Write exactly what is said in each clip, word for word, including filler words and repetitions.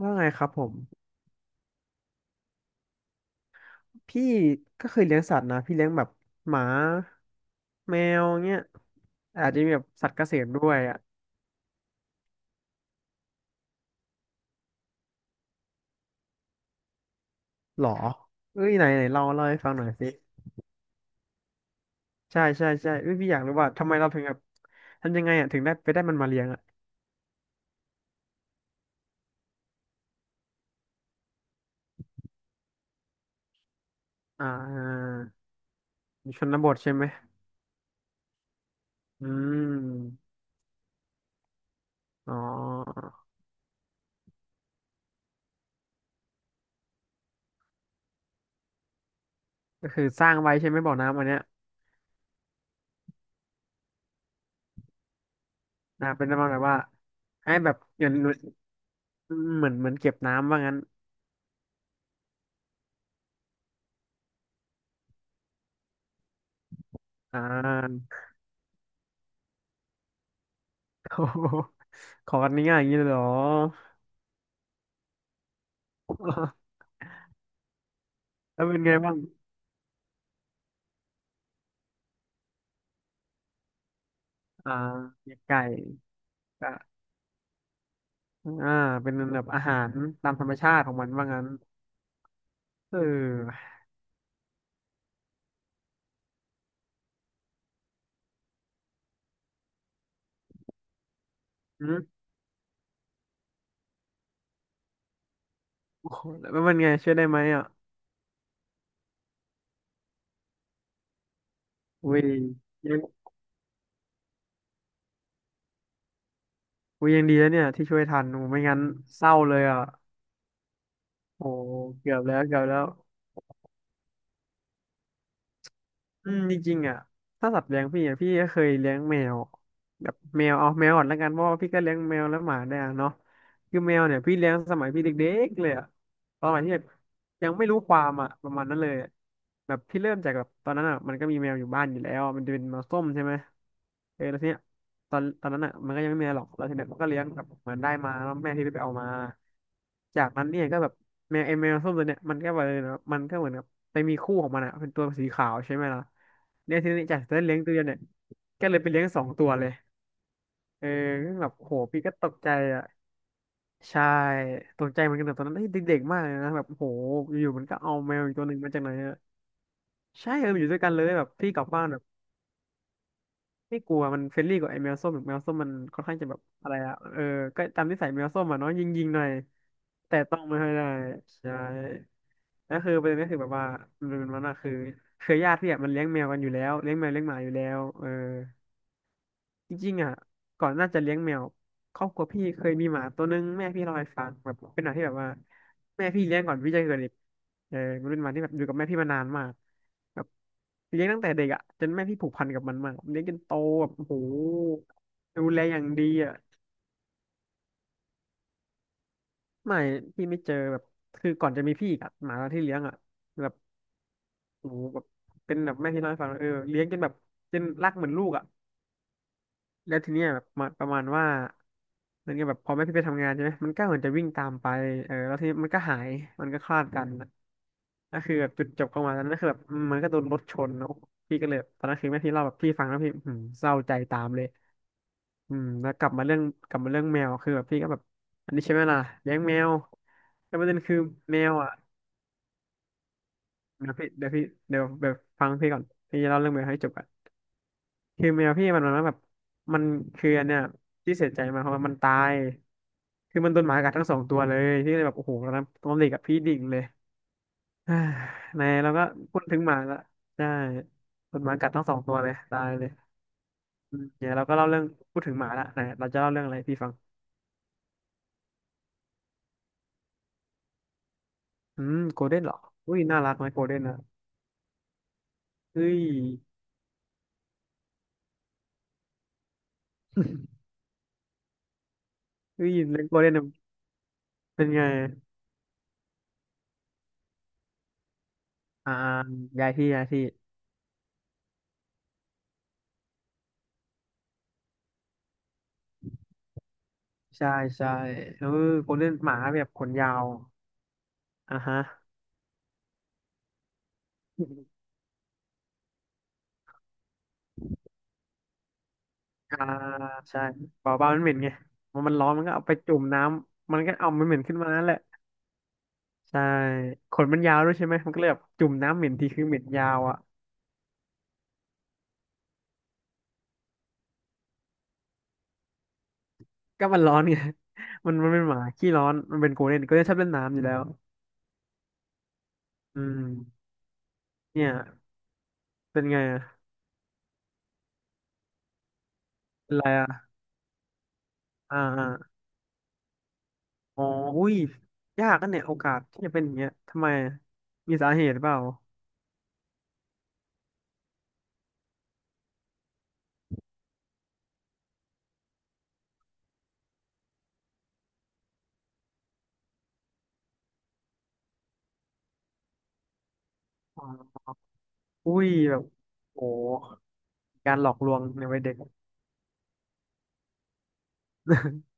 ว่าไงครับผมพี่ก็เคยเลี้ยงสัตว์นะพี่เลี้ยงแบบหมาแมวเงี้ยอาจจะมีแบบสัตว์เกษตรด้วยอ่ะหรอเอ้ยไหนไหนเล่าเล่าให้ฟังหน่อยสิใช่ใช่ใช่เอ้ยพี่อยากรู้ว่าทำไมเราถึงแบบทำยังไงอ่ะถึงได้ไปได้มันมาเลี้ยงอ่ะอ่าชนู่ชนบทใช่ไหมอืมอ๋อก็คือสร้างไว้ใช่ไหมบ่อน้ำอันเนี้ยนะเป็นประมาณแบบว่าให้แบบเหมือนเหมือนเหมือนเก็บน้ำว่างั้นอ่า โอ้โหขอกันง่ายๆอย่างนี้เลยเหรอ แล้วเป็นไงบ้าง อ่าเลี้ยงไก่ก็อ่าเป็นแบบอาหารตามธรรมชาติของมันว่างั้นเอออืมโอ้โหแล้วเป็นไงช่วยได้ไหมอ่ะอุ้ยยังอุ้ยยังดีแล้วเนี่ยที่ช่วยทันโอ้ไม่งั้นเศร้าเลยอ่ะโอ้เกือบแล้วเกือบแล้วอืมจริงๆอ่ะถ้าสัตว์เลี้ยงพี่อ่ะพี่ก็เคยเลี้ยงแมวแบบแมวเอาแมวก่อนแล้วกันเพราะว่าพี่ก็เลี้ยงแมวและหมาได้อะเนาะคือแมวเนี่ยพี่เลี้ยงสมัยพี่เด็กๆเลยอะ ตอนใหม่ที่แบบยังไม่รู้ความอ่ะประมาณนั้นเลยอะแบบที่เริ่มจากแบบตอนนั้นอ่ะมันก็มีแมวอยู่บ้านอยู่แล้วมันจะเป็นแมวส้มใช่ไหมเออแล้วทีเนี้ยตอนตอนนั้นอ่ะมันก็ยังไม่มีอะไรหรอกแล้วทีเนี้ยมันก็เลี้ยงแบบเหมือนได้มาแล้วแม่ที่ไปเอามาจากนั้นเนี่ยก็แบบแมวไอแมวส้มตัวเนี้ยมันก็ไปเลยนะมันก็เหมือนกับไปมีคู่ของมันอ่ะเป็นตัวสีขาวใช่ไหมล่ะเนี่ยทีนี้จากที่เลี้ยงตัวเดียวเนี่ยก็เลยไปเลี้ยงสองตัวเลยเออแบบโหพี่ก็ตกใจอ่ะ ใช่ตกใจเหมือนกันแต่ตอนนั้นเอ้ยเด็กๆมากเลยนะแบบโหอยู่ๆมันก็เอาแมวอีกตัวหนึ่งมาจากไหนอะใช่เออมันอยู่ด้วยกันเลยแบบพี่กลับบ้านแบบไม่กลัวมันเฟรนลี่กว่าไอ้แมวส้มแบบแมวส้มมันค่อนข้างจะแบบอะไรอะเออก็ตามนิสัยแมวส้มอะเนาะยิงๆหน่อยแต่ต้องไม่ค่อยได้ใช่แล้วคือประเด็นก็คือแบบว่ามันมันน่ะคือเครือญาติพี่อะมันเลี้ยงแมวกันอยู่แล้วเลี้ยงแมวเลี้ยงหมาอยู่แล้วเออ จริงๆอ่ะก่อนน่าจะเลี้ยงแมวครอบครัวพี่เคยมีหมาตัวนึงแม่พี่เล่าให้ฟังแบบเป็นหมาที่แบบว่าแม่พี่เลี้ยงก่อนพี่จะเกิดอีกเออมันเป็นหมาที่แบบอยู่กับแม่พี่มานานมากแบบเลี้ยงตั้งแต่เด็กอ่ะจนแม่พี่ผูกพันกับมันมากเลี้ยงจนโตแบบโอ้โหดูแลอย่างดีอ่ะไม่พี่ไม่เจอแบบคือก่อนจะมีพี่อีกอะหมาตัวที่เลี้ยงอ่ะแบบโอ้โหแบบเป็นแบบแม่พี่เล่าให้ฟังว่าเออเลี้ยงจนแบบจนรักเหมือนลูกอ่ะ แล้วทีเนี้ยแบบมาประมาณว่าเหมือนกับแบบพอแม่พี่ไปทำงานใช่ไหมมันก็เหมือนจะวิ่งตามไปเออแล้วทีนี้มันก็หายมันก็คลาดกันนะก็คือแบบจุดจบของมันนั่นก็คือแบบอืมมันก็โดนรถชนแล้วพี่ก็เลยตอนนั้นคือแม่พี่เล่าแบบพี่ฟังแล้วพี่อืมเศร้าใจตามเลยอืมแล้วกลับมาเรื่องกลับมาเรื่องแมวคือแบบพี่ก็แบบอันนี้ใช่ไหมล่ะเลี้ยงแมวแต่วประเด็นคือแมวอ่ะเดี๋ยวพี่เดี๋ยวพี่เดี๋ยวแบบฟังพี่ก่อนพี่จะเล่าเรื่องแมวให้จบก่อนคือแมวพี่มันมันแบบมันคืออันเนี้ยที่เสียใจมากเพราะว่ามันตาย คือมันโดนหมากัดทั้งสองตัวเลยที่เลยแบบโอ้โหตอนนั้นตอนเด็กกับพี่ดิ่งเลย อ่าในเราก็พูดถึงหมาละใช่โดนหมากัดทั้งสองตัวเลยตายเลยอืมเนี๋ยเราก็เล่าเรื่องพูดถึงหมาละไหนเราจะเล่าเรื่องอะไรให้พี่ฟังอืมโกลเด้นเหรออุ้ยน่ารักไหมโกลเด้นอ่ะเฮ้ยเฮ้ยเล่นโกลเด้นเป็นไงอ่าย้ายที่ย้ายที่ใช่ใช่เออโกลเด้นหมาแบบขนยาวอ่ะฮะ อ่าใช่เปล่าเปล่ามันเหม็นไงมันมันร้อนมันก็เอาไปจุ่มน้ำมันก็เอามันเหม็นขึ้นมานั่นแหละใช่ขนมันยาวด้วยใช่ไหมมันก็เลยแบบจุ่มน้ำเหม็นทีคือเหม็นยาวอ่ะก็มันร้อนไง มันมันเป็นหมาขี้ร้อนมันเป็นโกลเด้นโกลเด้นชอบเล่นน้ำอยู่แล้วอืมเนี่ยเป็นไงอ่ะเป็นไรอ่ะอ่าอาอ๋ออุ้ยยากกันเนี่ยโอกาสที่จะเป็นอย่างเงี้ยทำไมอะมีสาเหตุเปล่าอ๋ออุ้ยแบบโอ้การหลอกลวงในวัยเด็ก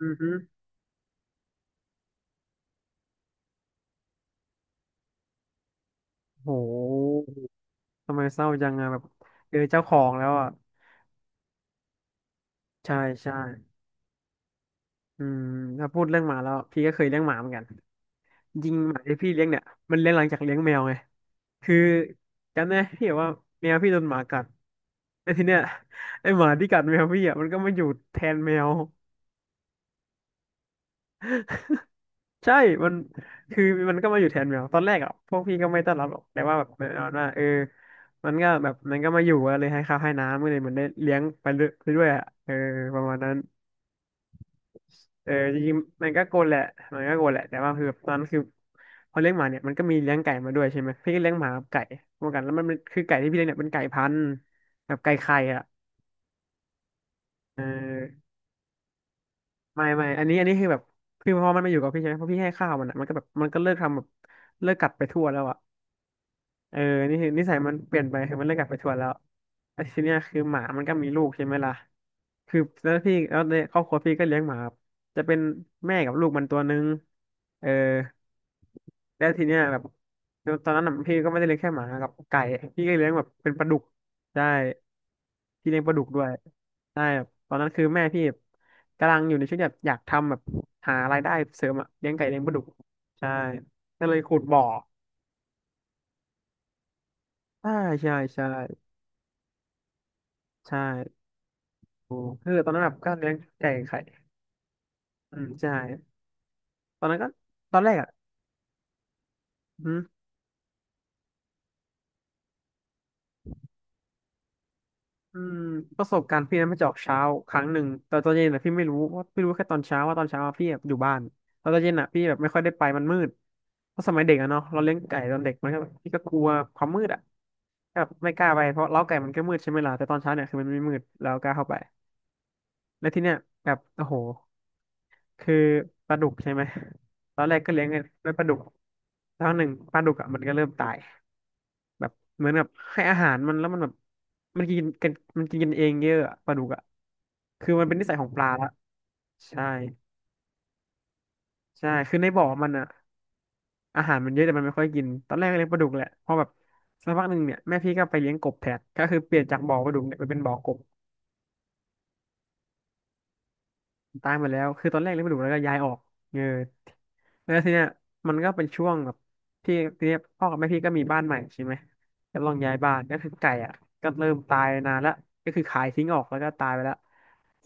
อือ ฮึโห ทำไมเศร้าจังอะแบบเจอเจ้าของแล้วอ่ะใช่ใช่อืมถ้าพูดเรื่องหมาแล้วพี่ก็เคยเลี้ยงหมาเหมือนกันจริงหมาที่พี่เลี้ยงเนี่ยมันเลี้ยงหลังจากเลี้ยงแมวไงคือจำได้พี่แบบว่าแมวพี่โดนหมากัดแล้วทีเนี้ยไอหมาที่กัดแมวพี่อ่ะมันก็มาอยู่แทนแมวใช่มันคือมันก็มาอยู่แทนแมวตอนแรกอ่ะพวกพี่ก็ไม่ต้อนรับหรอกแต่ว่าแบบประมาณว่าเออมันก็แบบมันก็มาอยู่อะเลยให้ข้าวให้น้ำก็เลยเหมือนได้เลี้ยงไปเรื่อยๆอะเออประมาณนั้น เออจริงๆมันก็โกนแหละมันก็โกนแหละแต่ว่าคือตอนนั้นคือพอเลี้ยงหมาเนี่ยมันก็มีเลี้ยงไก่มาด้วยใช่ไหมพี่ก็เลี้ยงหมากับไก่เหมอนกันแล้วมันเป็นคือไก่ที่พี่เลี้ยงเนี่ยเป็นไก่พันธุ์แบบไก่ไข่อ่ะเออไม่ไม่อันนี้อันนี้คือแบบคือพอมันมาอยู่กับพี่ใช่ไหมพอพี่ให้ข้าวมันอ่ะมันก็แบบมันก็เลิกทำแบบเลิกกัดไปทั่วแล้วอ่ะ เออ นี่คือนิสัยมันเปลี่ยนไปคือมันเลิกกลับไปทวนแล้วไอ้ทีเนี้ยคือหมามันก็มีลูกใช่ไหมล่ะคือแล้วพี่แล้วในครอบครัวพี่ก็เลี้ยงหมาครับจะเป็นแม่กับลูกมันตัวนึงเออแล้วทีเนี้ยแบบตอนนั้นน่ะพี่ก็ไม่ได้เลี้ยงแค่หมากับไก่พี่ก็เลี้ยงแบบเป็นปลาดุก ใช่พี่เลี้ยงปลาดุกด้วยใช่ครับตอนนั้นคือแม่พี่กำลังอยู่ในช่วงแบบอยากทำแบบหารายได้เสริมอะเลี้ยงไก่เลี้ยงปลาดุกใช่ก็เลยขุดบ่อใช่ใช่ใช่ ใช่โอ้คือตอนนั้นแบบก็เลี้ยงไก่ไข่อืมใช่ตอนนั้นก็ตอนแรกอ่ะอืมอืมประสบการณ์พี่นั้นมันจะออกเช้าครั้งหนึ่งแต่ตอนเย็นอ่ะพี่ไม่รู้ว่าพี่รู้แค่ตอนเช้าว่าตอนเช้าอะพี่แบบอยู่บ้านแล้วตอนเย็นอ่ะพี่แบบไม่ค่อยได้ไปมันมืดเพราะสมัยเด็กอะเนาะเราเลี้ยงไก่ตอนเด็กมันก็แบบพี่ก็กลัวความมืดอ่ะแบบไม่กล้าไปเพราะเล้าไก่มันก็มืดใช่ไหมล่ะแต่ตอนเช้าเนี่ยคือมันไม่มืดแล้วกล้าเข้าไปแล้วที่เนี้ยแบบโอ้โห คือปลาดุกใช่ไหมตอนแรกก็เลี้ยงด้วยปลาดุกแล้วหนึ่งปลาดุกอ่ะมันก็เริ่มตายแบบเหมือนแบบให้อาหารมันแล้วมันแบบมันกินกันมันกินกันเองเยอะอะปลาดุกอ่ะคือมันเป็นนิสัยของปลาละใช่ใช่คือในบ่อมันอ่ะอาหารมันเยอะแต่มันไม่ค่อยกินตอนแรกก็เลี้ยงปลาดุกแหละพอแบบสักพักหนึ่งเนี่ยแม่พี่ก็ไปเลี้ยงกบแทนก็คือเปลี่ยนจากบ่อปลาดุกเนี่ยไปเป็นบ่อกบ ตายหมดแล้วคือตอนแรกเลี้ยงไม่ดุแล้วก็ย้ายออกเออแล้วทีเนี้ยมันก็เป็นช่วงแบบที่ทีเนี้ยพ่อกับแม่พี่ก็มีบ้านใหม่ใช่ไหมก็ลองย้ายบ้านก็คือไก่อ่ะก็เริ่มตายนานแล้วก็คือขายทิ้งออกแล้วก็ตายไปแล้ว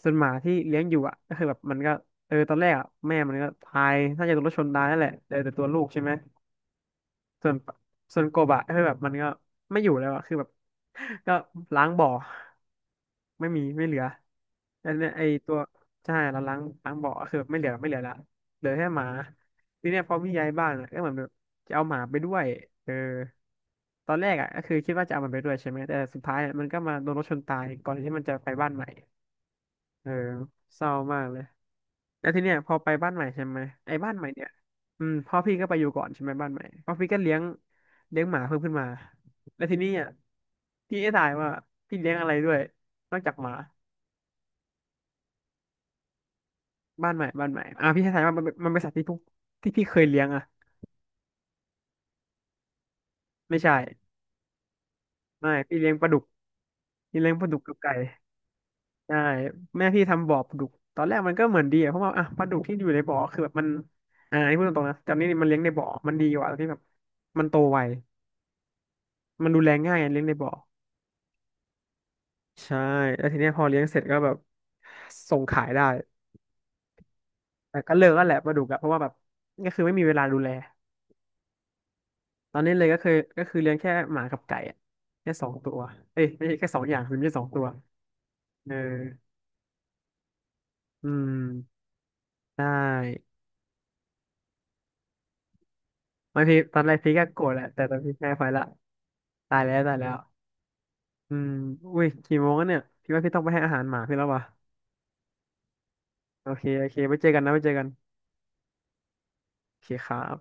ส่วนหมาที่เลี้ยงอยู่อ่ะก็คือแบบมันก็เออตอนแรกอ่ะแม่มันก็ตายน่าจะโดนรถชนตายนั่นแหละเหลือแต่ตัวลูกใช่ไหม ส่วนส่วนโกบะคือแบบมันก็ไม่อยู่แล้วอะคือแบบ ก็ล้างบ่อไม่มีไม่เหลือแล้วเนี่ยไอตัวใช่เราล้างล้างบ่อคือแบบไม่เหลือไม่เหลือละเหลือแค่หมาทีเนี้ยพอพี่ย้ายบ้านอะก็เหมือนแบบจะเอาหมาไปด้วยเออตอนแรกอ่ะก็คือคิดว่าจะเอามันไปด้วยใช่ไหมแต่สุดท้ายอะมันก็มาโดนรถชนตายก่อนที่มันจะไปบ้านใหม่ เออเศร้ามากเลยแล้วทีเนี้ยพอไปบ้านใหม่ใช่ไหมไอ้บ้านใหม่เนี่ยอืมพ่อพี่ก็ไปอยู่ก่อนใช่ไหมบ้านใหม่พ่อพี่ก็เลี้ยงเลี้ยงหมาเพิ่มขึ้นมาแล้วทีนี้อ่ะพี่ให้ทายว่าพี่เลี้ยงอะไรด้วยนอกจากหมาบ้านใหม่บ้านใหม่อ่ะพี่ให้ทายว่ามันเป็นมันเป็นสัตว์ที่ทุกที่พี่เคยเลี้ยงอ่ะไม่ใช่ไม่พี่เลี้ยงปลาดุกพี่เลี้ยงปลาดุกกับไก่ใช่แม่พี่ทำบ่อปลาดุกตอนแรกมันก็เหมือนดีอ่ะเพราะว่าอ่ะปลาดุกที่อยู่ในบ่อคือแบบมันอ่าอันนี้พูดตรงๆนะแต่นี่มันเลี้ยงในบ่อมันดีกว่าที่แบบมันโตไว มันดูแลง่ายไงเลี้ยงในบ่อใช่แล้วทีเนี้ยพอเลี้ยงเสร็จก็แบบส่งขายได้แต่ก็เลิกแล้วแหละปลาดุกอะเพราะว่าแบบก็คือไม่มีเวลาดูแลตอนนี้เลยก็คือก็คือเลี้ยงแค่หมากับไก่อะแค่สองตัวเอ้ยไม่ใช่แค่สองอย่างคือไม่ใช่สองตัวเอออืมได้บางทีตอนแรกพี่ก็โกรธแหละแต่ตอนพี่แพ้ไปละตายแล้วตายแล้วอืมอุ้ยกี่โมงแล้วเนี่ยพี่ว่าพี่ต้องไปให้อาหารหมาพี่แล้ววะโอเคโอเคไว้เจอกันนะไว้เจอกันโอเคครับ